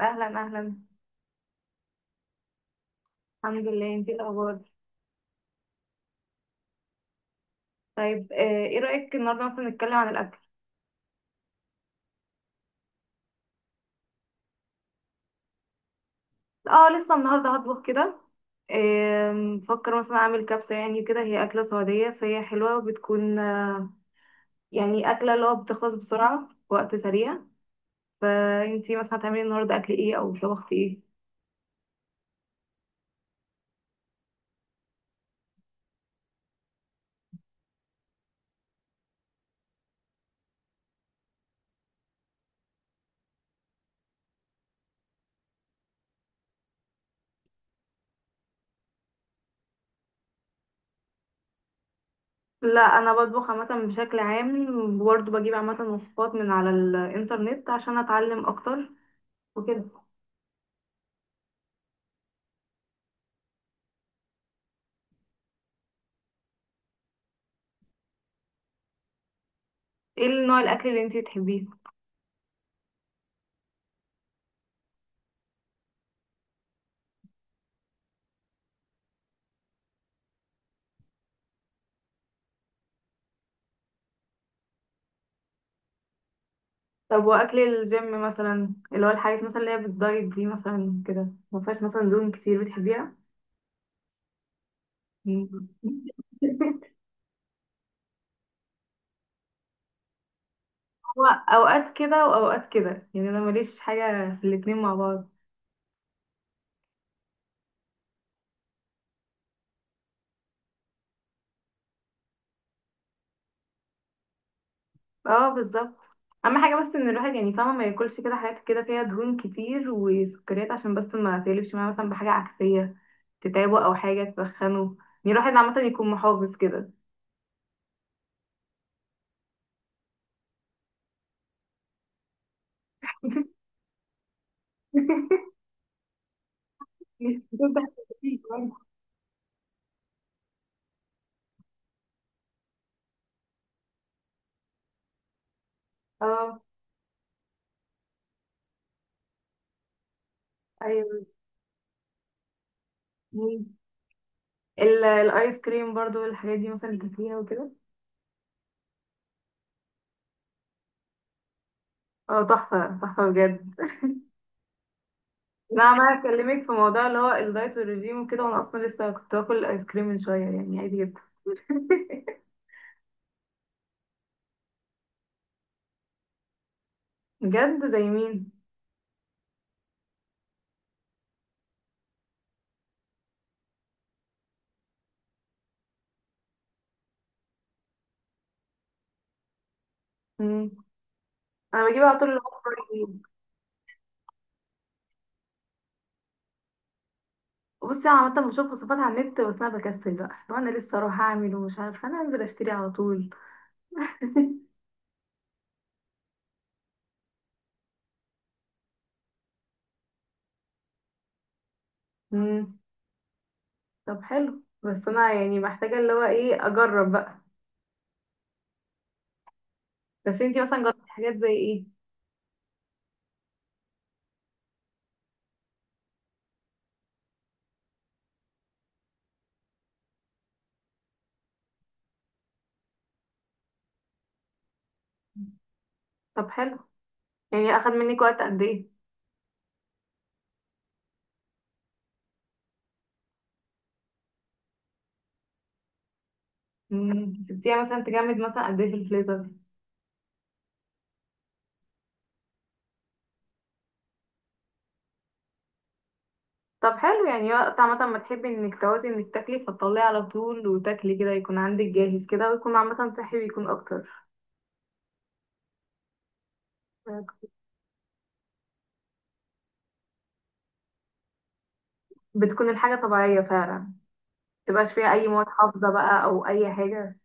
اهلا اهلا. الحمد لله. انتي إيه الاخبار؟ طيب ايه رايك النهارده مثلا نتكلم عن الاكل؟ اه، لسه النهارده هطبخ كده. بفكر مثلا اعمل كبسه، يعني كده هي اكله سعوديه فهي حلوه وبتكون يعني اكله اللي هو بتخلص بسرعه في وقت سريع. فانتي مثلا هتعملي النهارده اكل ايه او طبختي ايه؟ لا، انا بطبخ عامه بشكل عام. وبرضه بجيب عامه وصفات من على الانترنت عشان اتعلم اكتر وكده. ايه نوع الاكل اللي انتي بتحبيه؟ طب واكل الجيم مثلا اللي هو الحاجات مثلا اللي هي بالدايت دي مثلا كده ما فيهاش مثلا دهون كتير بتحبيها؟ مم. هو اوقات كده واوقات كده، يعني انا ماليش حاجه في الاتنين مع بعض. اه، بالظبط. اهم حاجه بس ان الواحد يعني فاهمه ما ياكلش كده حاجات كده فيها دهون كتير وسكريات، عشان بس ما تقلبش معاه مثلا بحاجه عكسيه تتعبه او حاجه تسخنه، يعني الواحد عامه يكون محافظ كده. اه، ايوه. الايس كريم برضو والحاجات دي مثلا تاكليها وكده؟ اه، تحفه تحفه بجد. انا عماله اكلمك في موضوع اللي هو الدايت والرجيم وكده، وانا اصلا لسه كنت باكل الايس كريم من شويه يعني عادي جدا. بجد، زي مين؟ مم. انا بجيب على طول اللي هو فرايد. بصي انا عامه بشوف وصفات على النت، بس انا بكسل بقى لو انا لسه اروح اعمل ومش عارفه، انا انزل اشتري على طول. مم. طب حلو، بس انا يعني محتاجه اللي هو ايه، اجرب بقى. بس انتي مثلا جربتي حاجات زي ايه؟ طب حلو، يعني اخد منك وقت قد ايه؟ مم. سبتيها مثلا تجمد مثلا قد ايه في الفريزر؟ طب حلو، يعني وقت عامة ما تحبي انك تعوزي انك تاكلي فتطلعي على طول وتاكلي كده، يكون عندك جاهز كده ويكون عامة صحي ويكون اكتر. بتكون الحاجة طبيعية فعلا، متبقاش فيها اي مواد حافظة بقى او اي حاجة.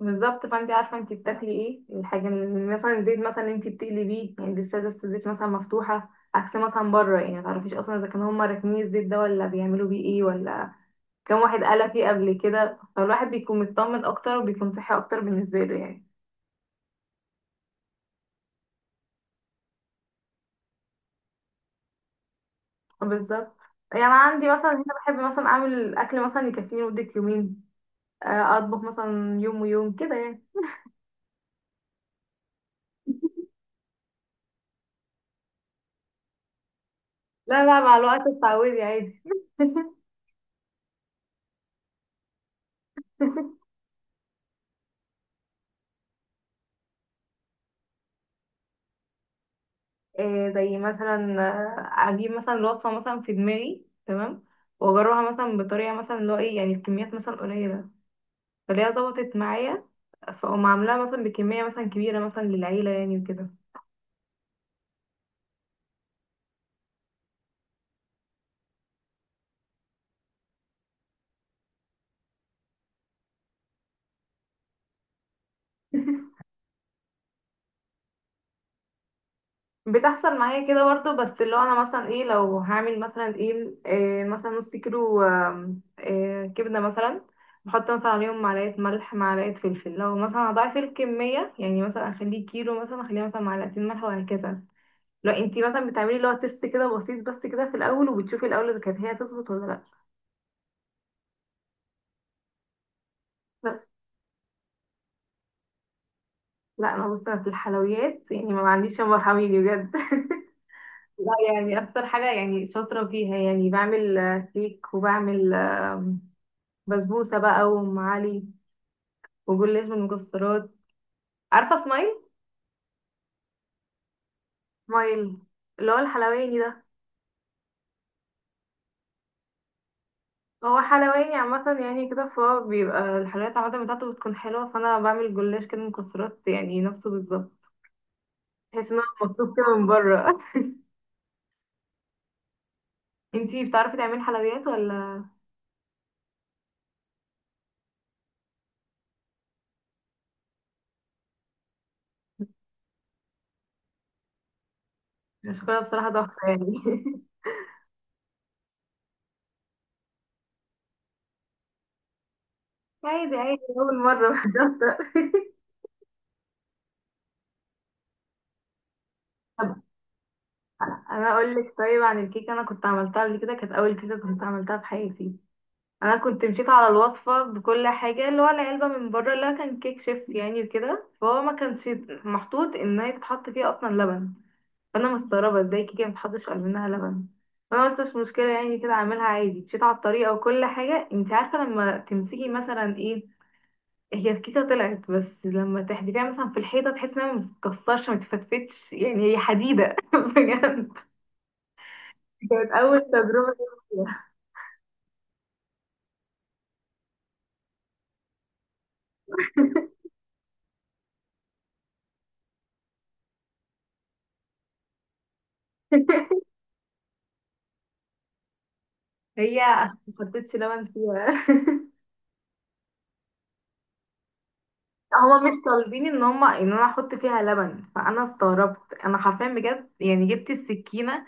بالظبط، فانت عارفة انت بتاكلي ايه. الحاجة اللي- مثلا الزيت مثلا انت بتقلبيه يعني لسه لسه الزيت مثلا مفتوحة، عكس مثلا بره يعني متعرفيش اصلا اذا كانوا هما راكنين الزيت ده ولا بيعملوا بيه ايه ولا كام واحد قال فيه قبل كده، فالواحد بيكون مطمن اكتر وبيكون صحي اكتر بالنسبه له يعني. بالظبط. يعني انا عندي مثلا هنا بحب مثلا اعمل اكل مثلا يكفيني مده يومين، اطبخ مثلا يوم ويوم كده يعني. لا لا، مع الوقت اتعودي عادي. زي مثلا اجيب مثلا الوصفه مثلا في دماغي تمام، واجربها مثلا بطريقه مثلا اللي هو ايه يعني بكميات مثلا قليله، فاللي هي ظبطت معايا فاقوم عاملاها مثلا بكميه مثلا كبيره مثلا للعيله يعني وكده. بتحصل معايا كده برضو، بس اللي هو انا مثلا ايه لو هعمل مثلا إيه مثلا نص كيلو إيه كبده مثلا، بحط مثلا عليهم معلقه ملح معلقه فلفل، لو مثلا هضاعف الكميه يعني مثلا اخليه كيلو مثلا اخليها مثلا معلقتين ملح وهكذا. لو انتي مثلا بتعملي اللي هو تيست كده بسيط بس كده في الاول وبتشوفي الاول اذا كانت هي تظبط ولا لا. بس. لا انا بص، أنا في الحلويات يعني ما عنديش يا حميدي بجد. لا، يعني اكتر حاجه يعني شاطره فيها يعني بعمل كيك، وبعمل بسبوسة بقى وأم علي وجلاش بالمكسرات. عارفة اسماعيل؟ اسماعيل اللي هو الحلواني ده. هو حلواني عامة يعني كده، فهو بيبقى الحلويات عامة بتاعته بتكون حلوة، فأنا بعمل جلاش كده مكسرات يعني نفسه بالظبط، تحس إن هو مطلوب كده من بره. انتي بتعرفي تعملي حلويات ولا؟ مش كده بصراحة، تحفة يعني. عادي عادي، أول مرة. مش شاطرة. طب، أنا أقول لك. طيب عن الكيكة، أنا كنت عملتها قبل كده، كانت أول كيكة كنت عملتها في حياتي. انا كنت مشيت على الوصفه بكل حاجه اللي هو العلبه من بره اللي هو كان كيك شيف يعني وكده، فهو ما كانش محطوط ان هي تتحط فيه اصلا لبن. فانا مستغربه ازاي كيكه ما تحطش منها لبن. فانا قلت مش مشكله يعني كده اعملها عادي، مشيت على الطريقه وكل حاجه، انت عارفه لما تمسكي مثلا ايه. هي الكيكه طلعت، بس لما تحدفيها مثلا في الحيطه تحسي انها ما بتتكسرش، ما تتفتفتش يعني هي حديده. بجد كانت اول تجربه ليا. هي ما حطيتش لبن فيها. هما مش طالبين ان هما ان انا احط فيها لبن، فانا استغربت. انا حرفيا بجد يعني جبت السكينه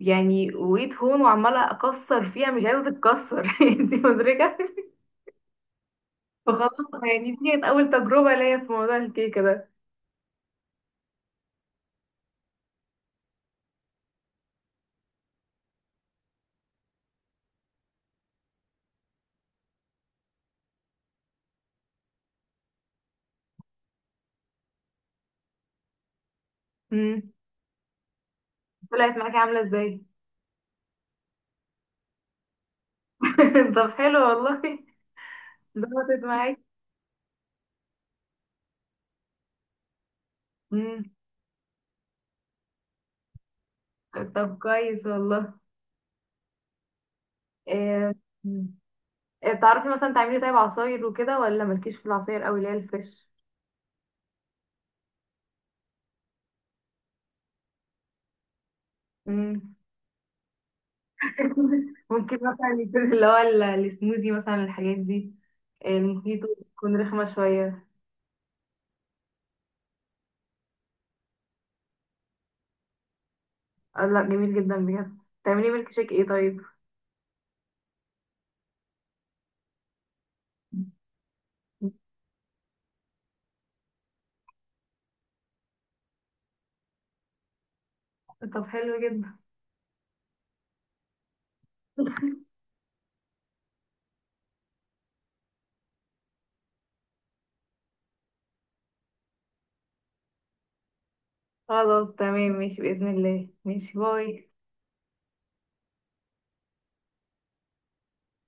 يعني وقيت هون وعماله اكسر فيها مش عايزه تتكسر. انتي مدركه. فخلاص يعني، دي كانت اول تجربه ليا في موضوع الكيكه ده. امم. طلعت معاكي عامله ازاي؟ طب حلو والله، ظبطت معاكي. امم. طب كويس والله. إيه... إيه، تعرفي مثلا تعملي طيب عصاير وكده ولا مالكيش في العصاير قوي اللي هي الفريش؟ ممكن مثلا يكون اللي هو السموزي مثلا، الحاجات دي المخيط، تكون رخمة شوية. آه لا، جميل جدا بجد. تعملي ميلك شيك ايه طيب؟ طب حلو جدا. خلاص تمام، ماشي بإذن الله، ماشي، باي.